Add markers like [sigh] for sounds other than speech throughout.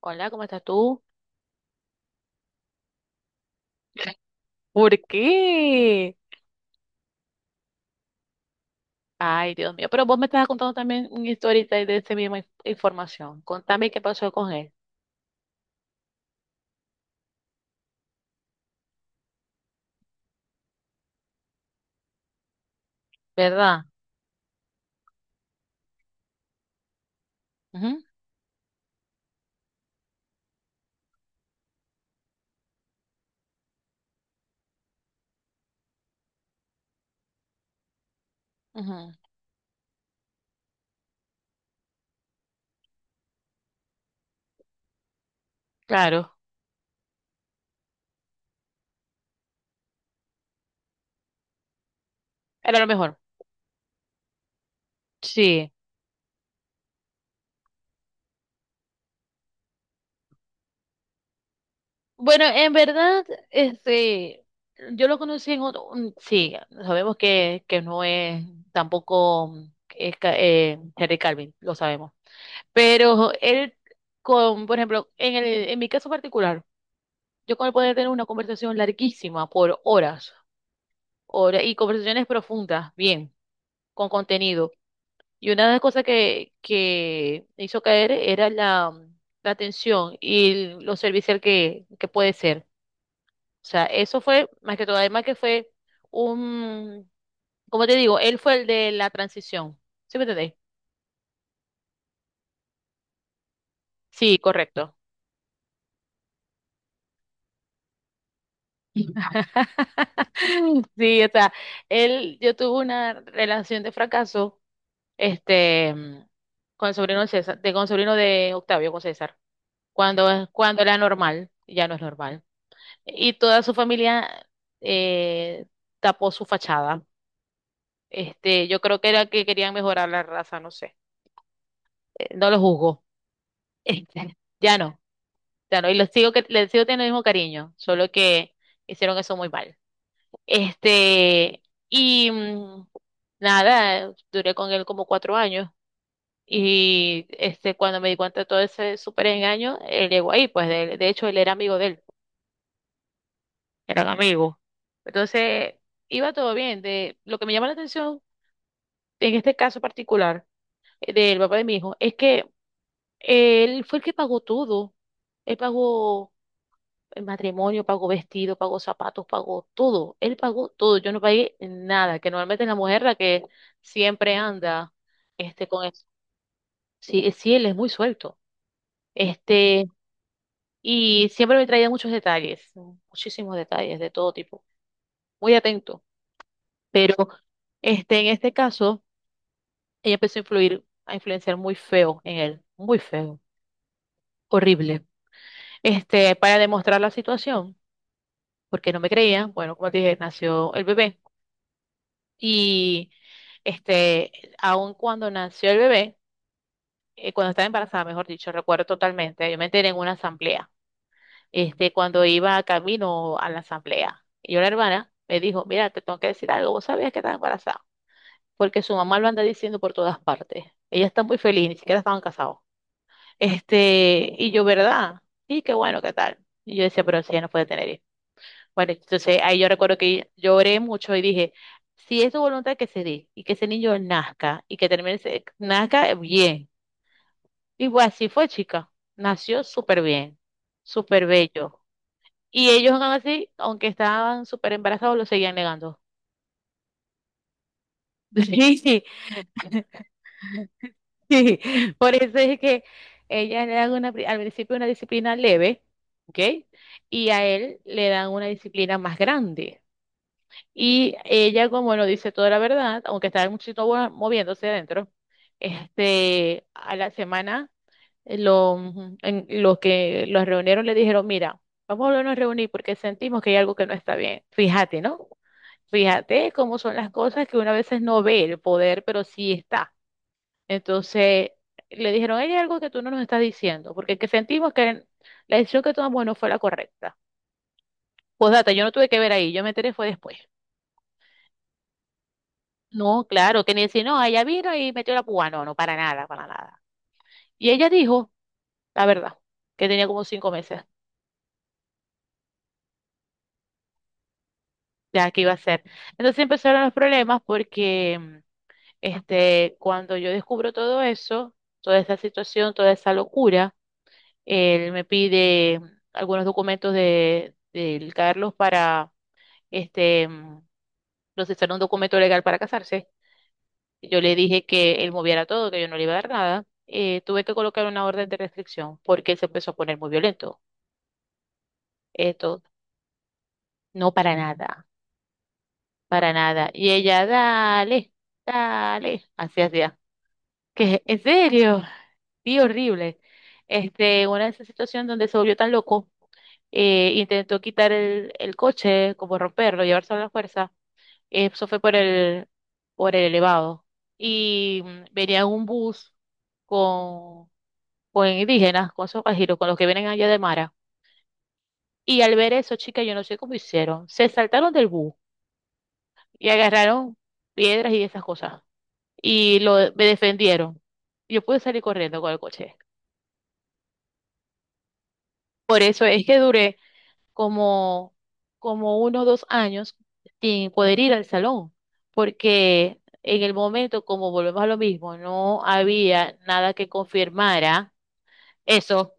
Hola, ¿cómo estás tú? ¿Por qué? Ay, Dios mío, pero vos me estabas contando también una historia de esa misma información. Contame qué pasó con él. ¿Verdad? Ujú, ujú. Claro, era lo mejor. Sí. Bueno, en verdad, yo lo conocí en otro, sí, sabemos que no es tampoco es, Henry Calvin, lo sabemos. Pero él, con, por ejemplo, en el, en mi caso particular, yo como poder tener una conversación larguísima por horas, horas y conversaciones profundas, bien, con contenido. Y una de las cosas que me hizo caer era la, la atención y lo servicial que puede ser. O sea, eso fue más que todo, además que fue un, como te digo, él fue el de la transición. ¿Sí me entendéis? Sí, correcto. [laughs] Sí, o sea, él, yo tuve una relación de fracaso este, mm, con el sobrino de César, de, con el sobrino de Octavio, con César, cuando, cuando era normal, ya no es normal. Y toda su familia eh, tapó su fachada. Yo creo que era que querían mejorar la raza, no sé. No lo juzgo. [laughs] Ya no, ya no. Y les sigo, les sigo teniendo el mismo cariño, solo que hicieron eso muy mal. Este, y mm, nada, duré con él como cuatro años. Y cuando me di cuenta de todo ese súper engaño, él llegó ahí, pues de hecho él era amigo de él, eran amigos. Entonces, iba todo bien. De, lo que me llama la atención en este caso particular, del papá de mi hijo es que él fue el que pagó todo. Él pagó el matrimonio, pagó vestido, pagó zapatos, pagó todo. Él pagó todo. Yo no pagué nada, que normalmente es la mujer la que siempre anda con eso. Sí, sí, él es muy suelto. este Y siempre me traía muchos detalles, muchísimos detalles de todo tipo, muy atento. Pero en este caso, ella empezó a influir, a influenciar muy feo en él, muy feo, horrible. Para demostrar la situación, porque no me creían, bueno, como te dije, nació el bebé. Y este, aun cuando nació el bebé, cuando estaba embarazada, mejor dicho, recuerdo totalmente, yo me enteré en una asamblea. Cuando iba camino a la asamblea. Y yo, la hermana, me dijo, mira, te tengo que decir algo, vos sabías que estaba embarazada, porque su mamá lo anda diciendo por todas partes. Ella está muy feliz, ni siquiera estaban casados. Y yo, ¿verdad? Sí, qué bueno, ¿qué tal? Y yo decía, pero si ella no puede tener hijos. Bueno, entonces ahí yo recuerdo que lloré mucho y dije, si es su voluntad que se dé y que ese niño nazca y que termine, nazca bien. Y pues así fue, chica. Nació súper bien, súper bello. Y ellos aún así, aunque estaban súper embarazados, lo seguían negando. [laughs] Sí, sí, sí. Por eso es que ella le dan una, al principio una disciplina leve, ¿ok? Y a él le dan una disciplina más grande. Y ella, como no dice toda la verdad, aunque estaba muchito moviéndose adentro, a la semana, eh, lo- los que los reunieron le dijeron, mira, vamos a volvernos a reunir porque sentimos que hay algo que no está bien. Fíjate, ¿no? Fíjate cómo son las cosas que uno a veces no ve el poder, pero sí está. Entonces le dijeron, hay algo que tú no nos estás diciendo, porque que sentimos que la decisión que tomamos no fue la correcta. Pues data, yo no tuve que ver ahí, yo me enteré fue después. No, claro, que ni decir, no, ella vino y metió la púa. No, no, para nada, para nada. Y ella dijo, la verdad, que tenía como cinco meses. Ya, ¿qué iba a hacer? Entonces empezaron los problemas porque cuando yo descubro todo eso, toda esa situación, toda esa locura, él me pide algunos documentos de, del Carlos para este, mm, procesar un documento legal para casarse. Yo le dije que él moviera todo, que yo no le iba a dar nada. Tuve que colocar una orden de restricción porque él se empezó a poner muy violento. Esto, no, para nada, para nada. Y ella, dale, dale, así así. ¿Qué? ¿En serio? Sí, horrible. Una de esas situaciones donde se volvió tan loco, intentó quitar el coche, como romperlo, llevárselo a la fuerza. Eso fue por el elevado. Y venía un bus con, con indígenas, con esos pajeros, con los que vienen allá de Mara. Y al ver eso, chica, yo no sé cómo hicieron. Se saltaron del bus y agarraron piedras y esas cosas. Y lo, me defendieron. Yo pude salir corriendo con el coche. Por eso es que duré como, como unos dos años sin poder ir al salón, porque en el momento, como volvemos a lo mismo, no había nada que confirmara eso,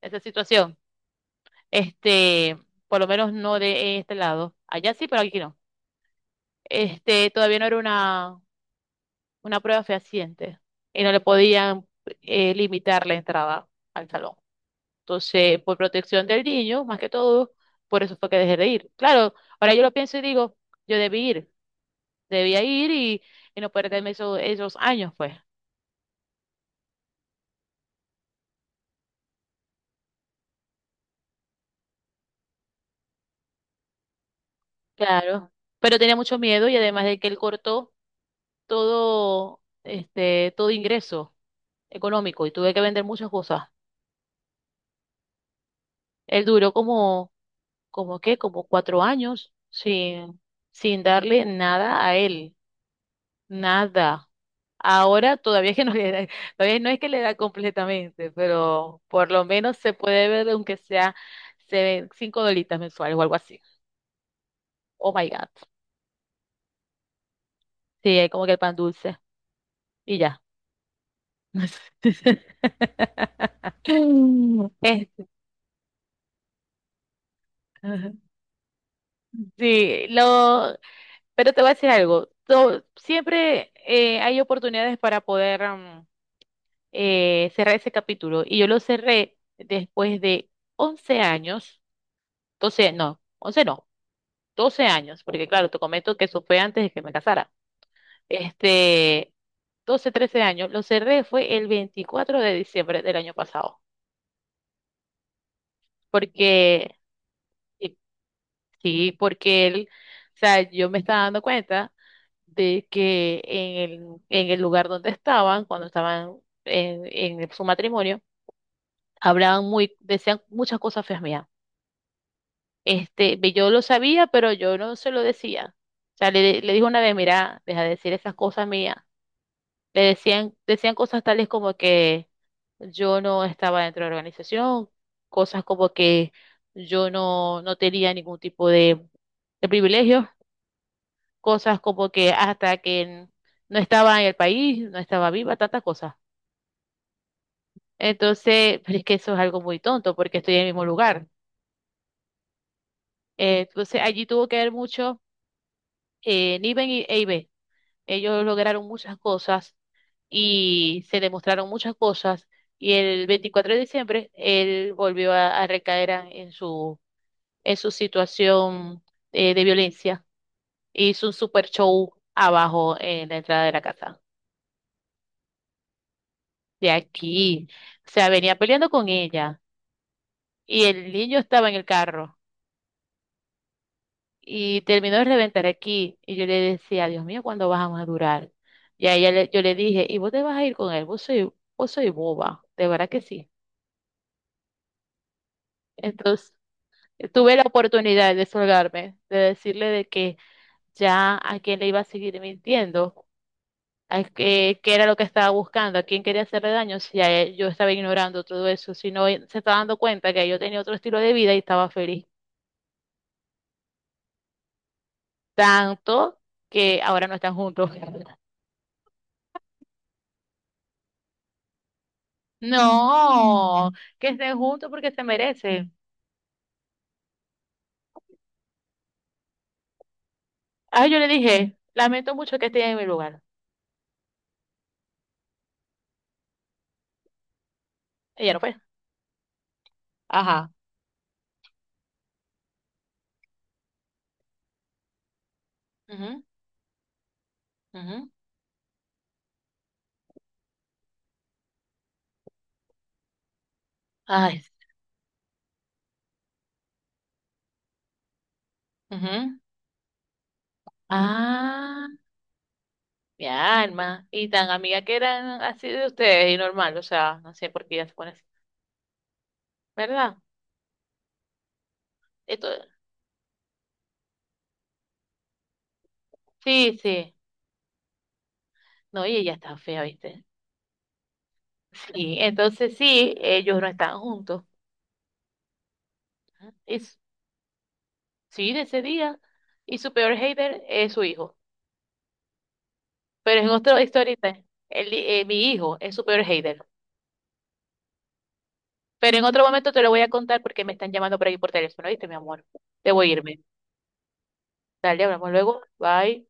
esa situación. Este, por lo menos no de este lado. Allá sí, pero aquí no. Todavía no era una prueba fehaciente y no le podían limitar la entrada al salón. Entonces, por protección del niño, más que todo, por eso fue que dejé de ir. Claro, ahora yo lo pienso y digo, yo debí ir, debía ir y no perderme esos, esos años, pues. Claro, pero tenía mucho miedo y además de que él cortó todo, todo ingreso económico y tuve que vender muchas cosas. Él duró como, como qué, como cuatro años sin, sin darle nada a él, nada. Ahora todavía que todavía no es que le da completamente, pero por lo menos se puede ver, aunque sea se ven cinco dolitas mensuales o algo así. Oh my God. Sí, es como que el pan dulce. Y ya. [laughs] Mm. Ajá. Sí, lo, pero te voy a decir algo. Siempre hay oportunidades para poder cerrar ese capítulo. Y yo lo cerré después de 11 años. Entonces, no, 11 no, 12 años, porque claro, te comento que eso fue antes de que me casara. Este, 12, 13 años, lo cerré fue el 24 de diciembre del año pasado, porque, y- sí, porque él, o sea, yo me estaba dando cuenta de que en el lugar donde estaban, cuando estaban en su matrimonio, hablaban muy, decían muchas cosas feas mías. Ve, yo lo sabía, pero yo no se lo decía. O sea, le dije una vez, mira, deja de decir esas cosas mías. Le decían, decían cosas tales como que yo no estaba dentro de la organización, cosas como que yo no, no tenía ningún tipo de privilegios, cosas como que hasta que no estaba en el país, no estaba viva, tantas cosas. Entonces, pero es que eso es algo muy tonto porque estoy en el mismo lugar. Entonces, allí tuvo que haber mucho, Niven y EIB. Ellos lograron muchas cosas y se demostraron muchas cosas y el 24 de diciembre él volvió a en su situación de violencia. Hizo un super show abajo en la entrada de la casa, de aquí. O sea, venía peleando con ella y el niño estaba en el carro y terminó de reventar aquí y yo le decía, Dios mío, ¿cuándo vas a madurar? Y a yo le dije, ¿y vos te vas a ir con él? Vos soy boba, de verdad que sí. Entonces, tuve la oportunidad de solgarme, de decirle de que ya a quién le iba a seguir mintiendo, a qué, qué era lo que estaba buscando, a quién quería hacerle daño, si a yo estaba ignorando todo eso, si no él se estaba dando cuenta que yo tenía otro estilo de vida y estaba feliz. Tanto que ahora no están juntos. No, mm, que estén juntos porque se merecen. Ah, yo le dije, lamento mucho que estés en mi lugar. Ella no fue. Ajá. Ujú, ujú. Ay. Ujú. Ah. Mi alma. Y tan amiga que eran así de ustedes y normal, o sea, no sé por qué ella se pone así. ¿Verdad? Esto, sí, sí. No, y ella está fea, ¿viste? Sí, entonces sí, ellos no están juntos. Y sí, de ese día. Y su peor hater es su hijo. Pero en otra historia, el, mi hijo es su peor hater. Pero en otro momento te lo voy a contar porque me están llamando por ahí por teléfono, ¿viste, mi amor? Debo irme. Dale, hablamos luego. Bye.